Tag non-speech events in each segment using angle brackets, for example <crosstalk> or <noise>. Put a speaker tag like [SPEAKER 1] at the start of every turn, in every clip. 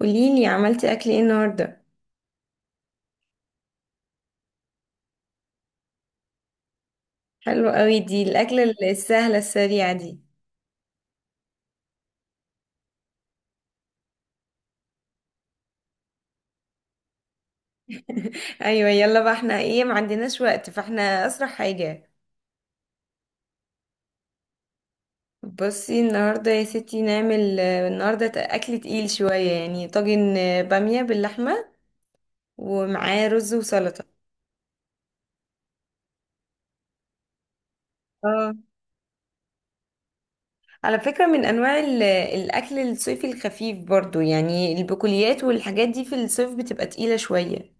[SPEAKER 1] قوليلي، عملتي اكل ايه النهارده؟ حلو قوي، دي الاكل السهله السريعه دي. <laughs> ايوه، يلا بقى، احنا ايه؟ ما عندناش وقت، فاحنا اسرع حاجه. بصي النهارده يا ستي نعمل، النهارده اكل تقيل شويه، يعني طاجن باميه باللحمه ومعاه رز وسلطه. اه، على فكره، من انواع الاكل الصيفي الخفيف برضو، يعني البقوليات والحاجات دي في الصيف بتبقى تقيله شويه.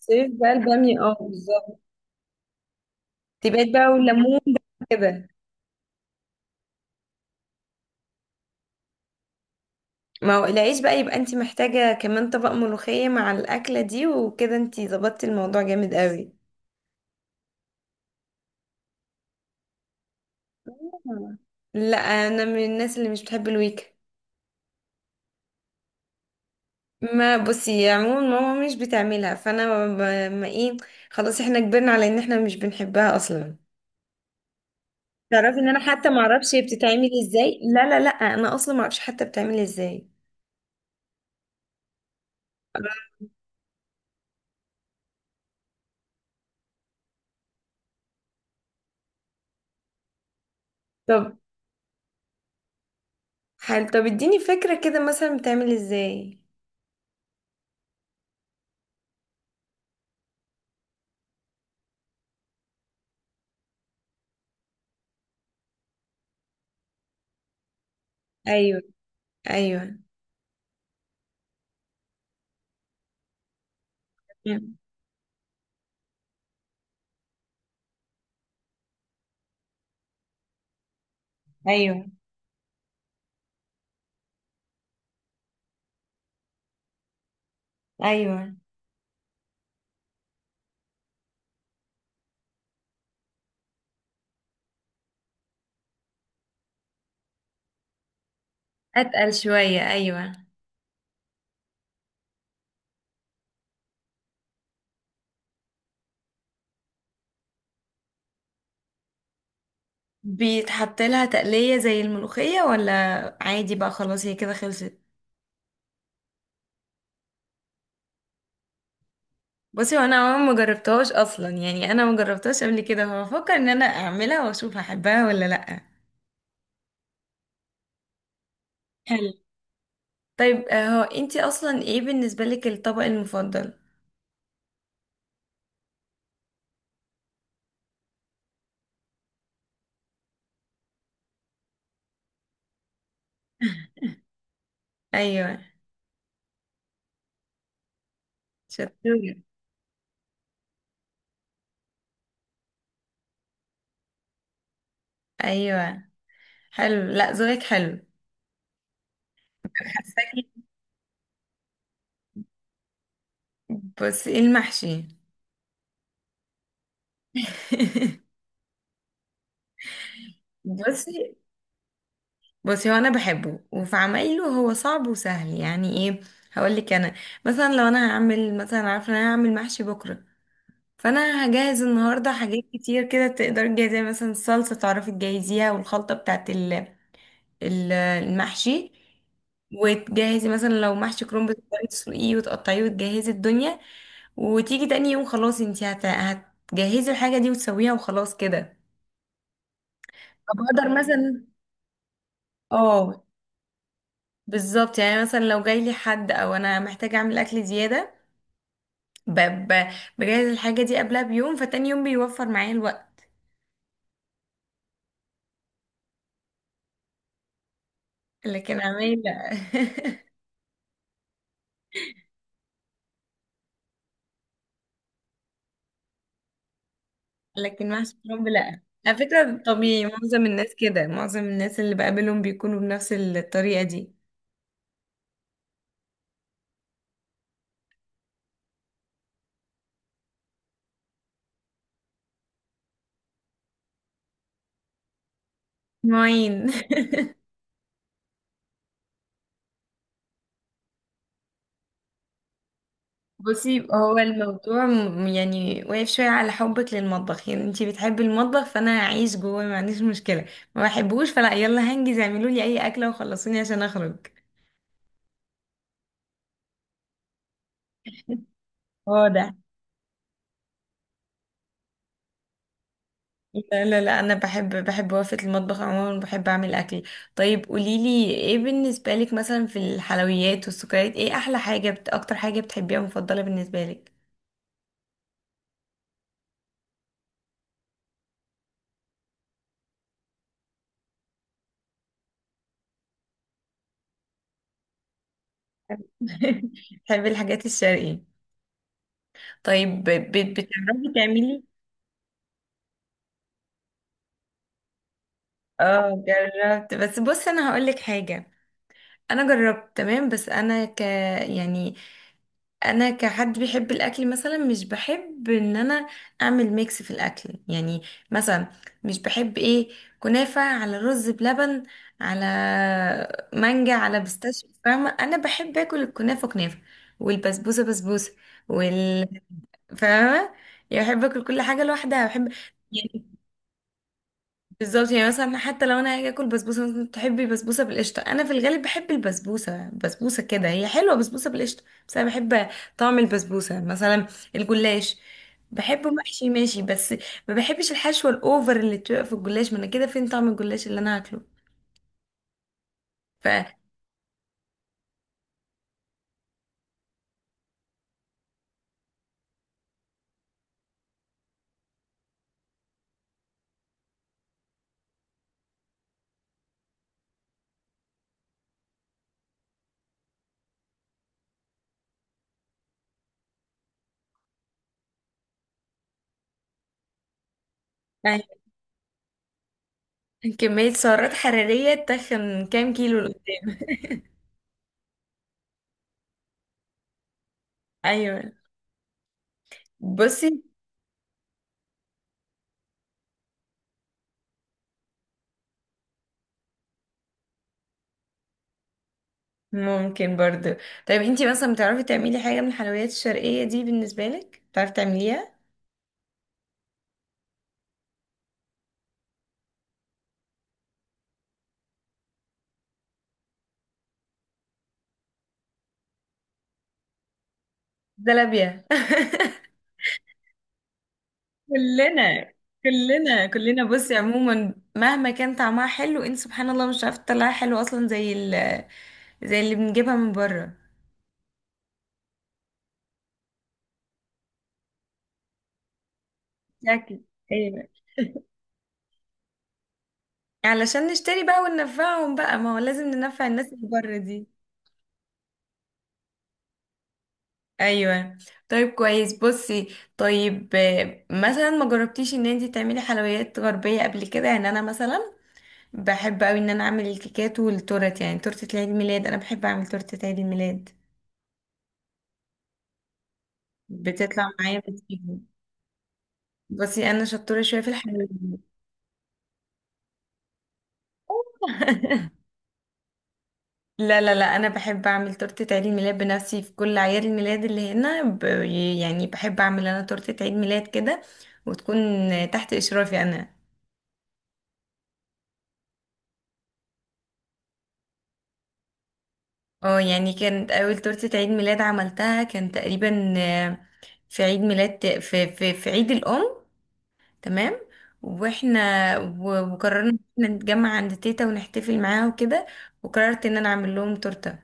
[SPEAKER 1] صيف بقى الباميه، اه بالظبط. تبقى بقى والليمون كده. ما هو العيش بقى يبقى انت محتاجة كمان طبق ملوخية مع الأكلة دي، وكده انت ظبطتي الموضوع جامد قوي. آه. لا، انا من الناس اللي مش بتحب الويك. ما بصي، عموما ماما مش بتعملها، فانا. ما ايه، خلاص احنا كبرنا على ان احنا مش بنحبها اصلا. تعرفي ان انا حتى ما اعرفش هي بتتعمل ازاي؟ لا، لا، لا، انا اصلا ما اعرفش حتى بتعمل ازاي. طب. حل، طب اديني فكرة كده، مثلا بتعمل ازاي؟ ايوه، ايوه، ايوه، ايوه. اتقل شوية، ايوه. بيتحط لها تقلية زي الملوخية ولا عادي بقى؟ خلاص هي كده خلصت. بصي، وانا عموما ما جربتهاش اصلا، يعني انا ما جربتهاش قبل كده، فبفكر ان انا اعملها واشوف هحبها ولا لا. حلو. طيب هو انتي اصلا ايه بالنسبة لك الطبق المفضل؟ ايوه. شطورة. ايوه. حلو، لا ذوقك حلو. حساكي. بصي، المحشي. بصي. بصي، هو انا بحبه وفي عمايله، هو صعب وسهل يعني، ايه. هقولك انا. مثلا لو انا هعمل مثلا، عارفه ان انا هعمل محشي بكره، فانا هجهز النهارده حاجات كتير كده، تقدري تجهزيها مثلا الصلصه تعرفي تجهزيها، والخلطه بتاعت المحشي. وتجهزي مثلا، لو محشي كرنب تقدري تسلقيه وتقطعيه وتجهزي الدنيا، وتيجي تاني يوم خلاص، انتي هتجهزي الحاجه دي وتسويها وخلاص كده. طب اقدر مثلا، اه بالظبط، يعني مثلا لو جاي لي حد او انا محتاجه اعمل اكل زياده. ب... ب... بجهز الحاجه دي قبلها بيوم، فتاني يوم بيوفر معايا الوقت. لكن عمال لا. <laughs> لكن محشي كرنب لا، على فكره طبيعي، معظم الناس كده، معظم الناس اللي بقابلهم بيكونوا بنفس الطريقه دي. معين. <laughs> بصي، هو الموضوع يعني واقف شوية على حبك للمطبخ، يعني انتي بتحبي المطبخ، فانا هعيش جوه ما عنديش مشكلة. ما بحبوش فلا يلا هنجز، اعملوا لي اي اكلة وخلصوني عشان اخرج. واضح. لا، لا، لا، انا بحب بحب وقفة المطبخ عموما، بحب اعمل اكل. طيب قوليلي ايه بالنسبة لك، مثلا في الحلويات والسكريات، ايه احلى حاجة اكتر حاجة بتحبيها مفضلة بالنسبة لك؟ <laughs> بحب الحاجات الشرقية. طيب. بتعرفي تعملي؟ اه جربت، بس بص انا هقولك حاجة. انا جربت تمام، بس انا. يعني انا كحد بيحب الاكل، مثلا مش بحب ان انا اعمل ميكس في الاكل، يعني مثلا. مش بحب ايه؟ كنافة على رز بلبن، على مانجا، على بيستاشيو. فاهمة، انا بحب اكل الكنافة كنافة، والبسبوسة بسبوسة، وال فاهمة، يعني بحب اكل كل حاجة لوحدها، بحب، يعني. بالظبط، يعني مثلا حتى لو انا هاجي اكل بسبوسه، مثلا تحبي بسبوسه بالقشطه، انا في الغالب بحب البسبوسه بسبوسه، كده هي حلوه بسبوسه بالقشطه، بس انا بحب طعم البسبوسه مثلا. الجلاش بحبه محشي ماشي، بس ما بحبش الحشوه الاوفر اللي بتبقى في الجلاش، ما انا كده فين طعم الجلاش اللي انا هاكله؟ ف يعني كميه سعرات حراريه تخن كام كيلو لقدام. ايوه، بصي. ممكن برضو. طيب انتي مثلا بتعرفي تعملي حاجه من الحلويات الشرقيه دي، بالنسبه لك بتعرفي تعمليها؟ زلابية. <laughs> كلنا، كلنا، كلنا، بصي عموما مهما كان طعمها حلو، انت سبحان الله مش عارفه تطلعها حلو اصلا، زي زي اللي بنجيبها من بره. شكل، ايوه. علشان نشتري بقى وننفعهم بقى، ما هو لازم ننفع الناس اللي بره دي. ايوه. طيب كويس، بصي. طيب مثلا ما جربتيش ان انت تعملي حلويات غربيه قبل كده؟ يعني انا مثلا بحب قوي ان انا اعمل الكيكات والتورت، يعني تورته عيد الميلاد، انا بحب اعمل تورته عيد الميلاد. بتطلع معايا بتجيب. بصي انا شطوره شويه في الحلويات. <laughs> لا، لا، لا، انا بحب اعمل تورته عيد الميلاد بنفسي في كل اعياد الميلاد اللي هنا. يعني بحب اعمل انا تورته عيد ميلاد كده، وتكون تحت اشرافي انا. اه يعني كانت اول تورته عيد ميلاد عملتها كان تقريبا في عيد ميلاد، في عيد الام. تمام. واحنا وقررنا إن احنا نتجمع عند تيتا ونحتفل معاها وكده. وقررت ان انا اعمل لهم تورته،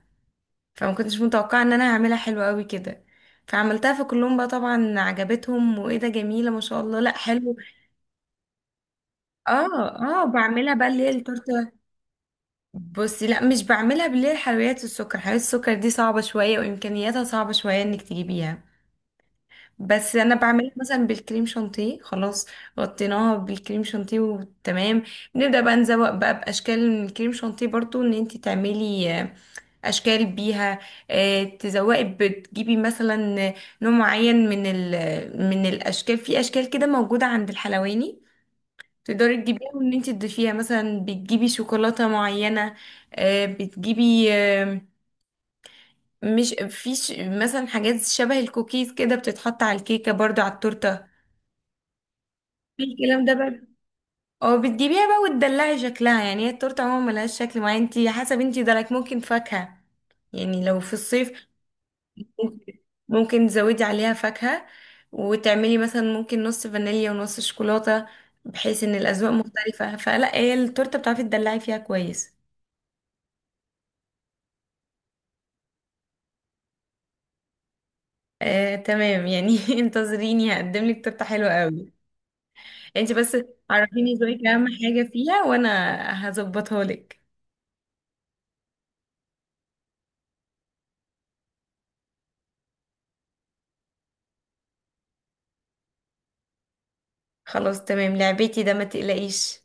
[SPEAKER 1] فما كنتش متوقعه ان انا هعملها حلوه قوي كده. فعملتها في كلهم، بقى طبعا عجبتهم، وايه ده جميله ما شاء الله، لا حلو. اه. اه، بعملها بقى اللي هي التورته. بصي، لا مش بعملها باللي هي حلويات السكر، حلويات السكر دي صعبه شويه وامكانياتها صعبه شويه انك تجيبيها. بس انا بعملها مثلا بالكريم شانتيه، خلاص. غطيناها بالكريم شانتيه وتمام. نبدا بقى نزوق بقى باشكال من الكريم شانتيه برضو، ان انت تعملي اشكال بيها. تزوقي بتجيبي مثلا نوع معين من من الاشكال، في اشكال كده موجوده عند الحلواني، تقدري تجيبيها وان انت تضيفيها، مثلا بتجيبي شوكولاته معينه. بتجيبي مش في مثلا حاجات شبه الكوكيز كده بتتحط على الكيكه برضو على التورته. في الكلام ده بقى، اه بتجيبيها بقى وتدلعي شكلها، يعني هي التورته عموما ملهاش شكل معين، انت حسب انت درك ممكن فاكهه، يعني لو في الصيف ممكن تزودي عليها فاكهة، وتعملي مثلا ممكن نص فانيليا ونص شوكولاتة، بحيث ان الأذواق مختلفة، فلا هي التورتة بتعرفي تدلعي فيها كويس. تمام يعني. <laughs> انتظريني هقدم لك تورته حلوه قوي. انت بس عرفيني ذوقك اهم حاجه فيها، وانا هظبطها لك. خلاص تمام، لعبتي ده ما تقلقيش.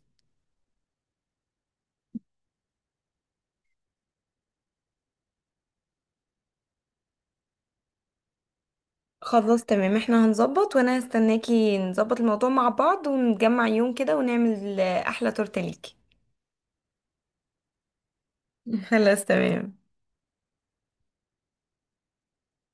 [SPEAKER 1] خلاص تمام، احنا هنظبط، وانا هستناكي نظبط الموضوع مع بعض ونجمع يوم كده ونعمل احلى تورته ليكي. <laughs> خلاص تمام.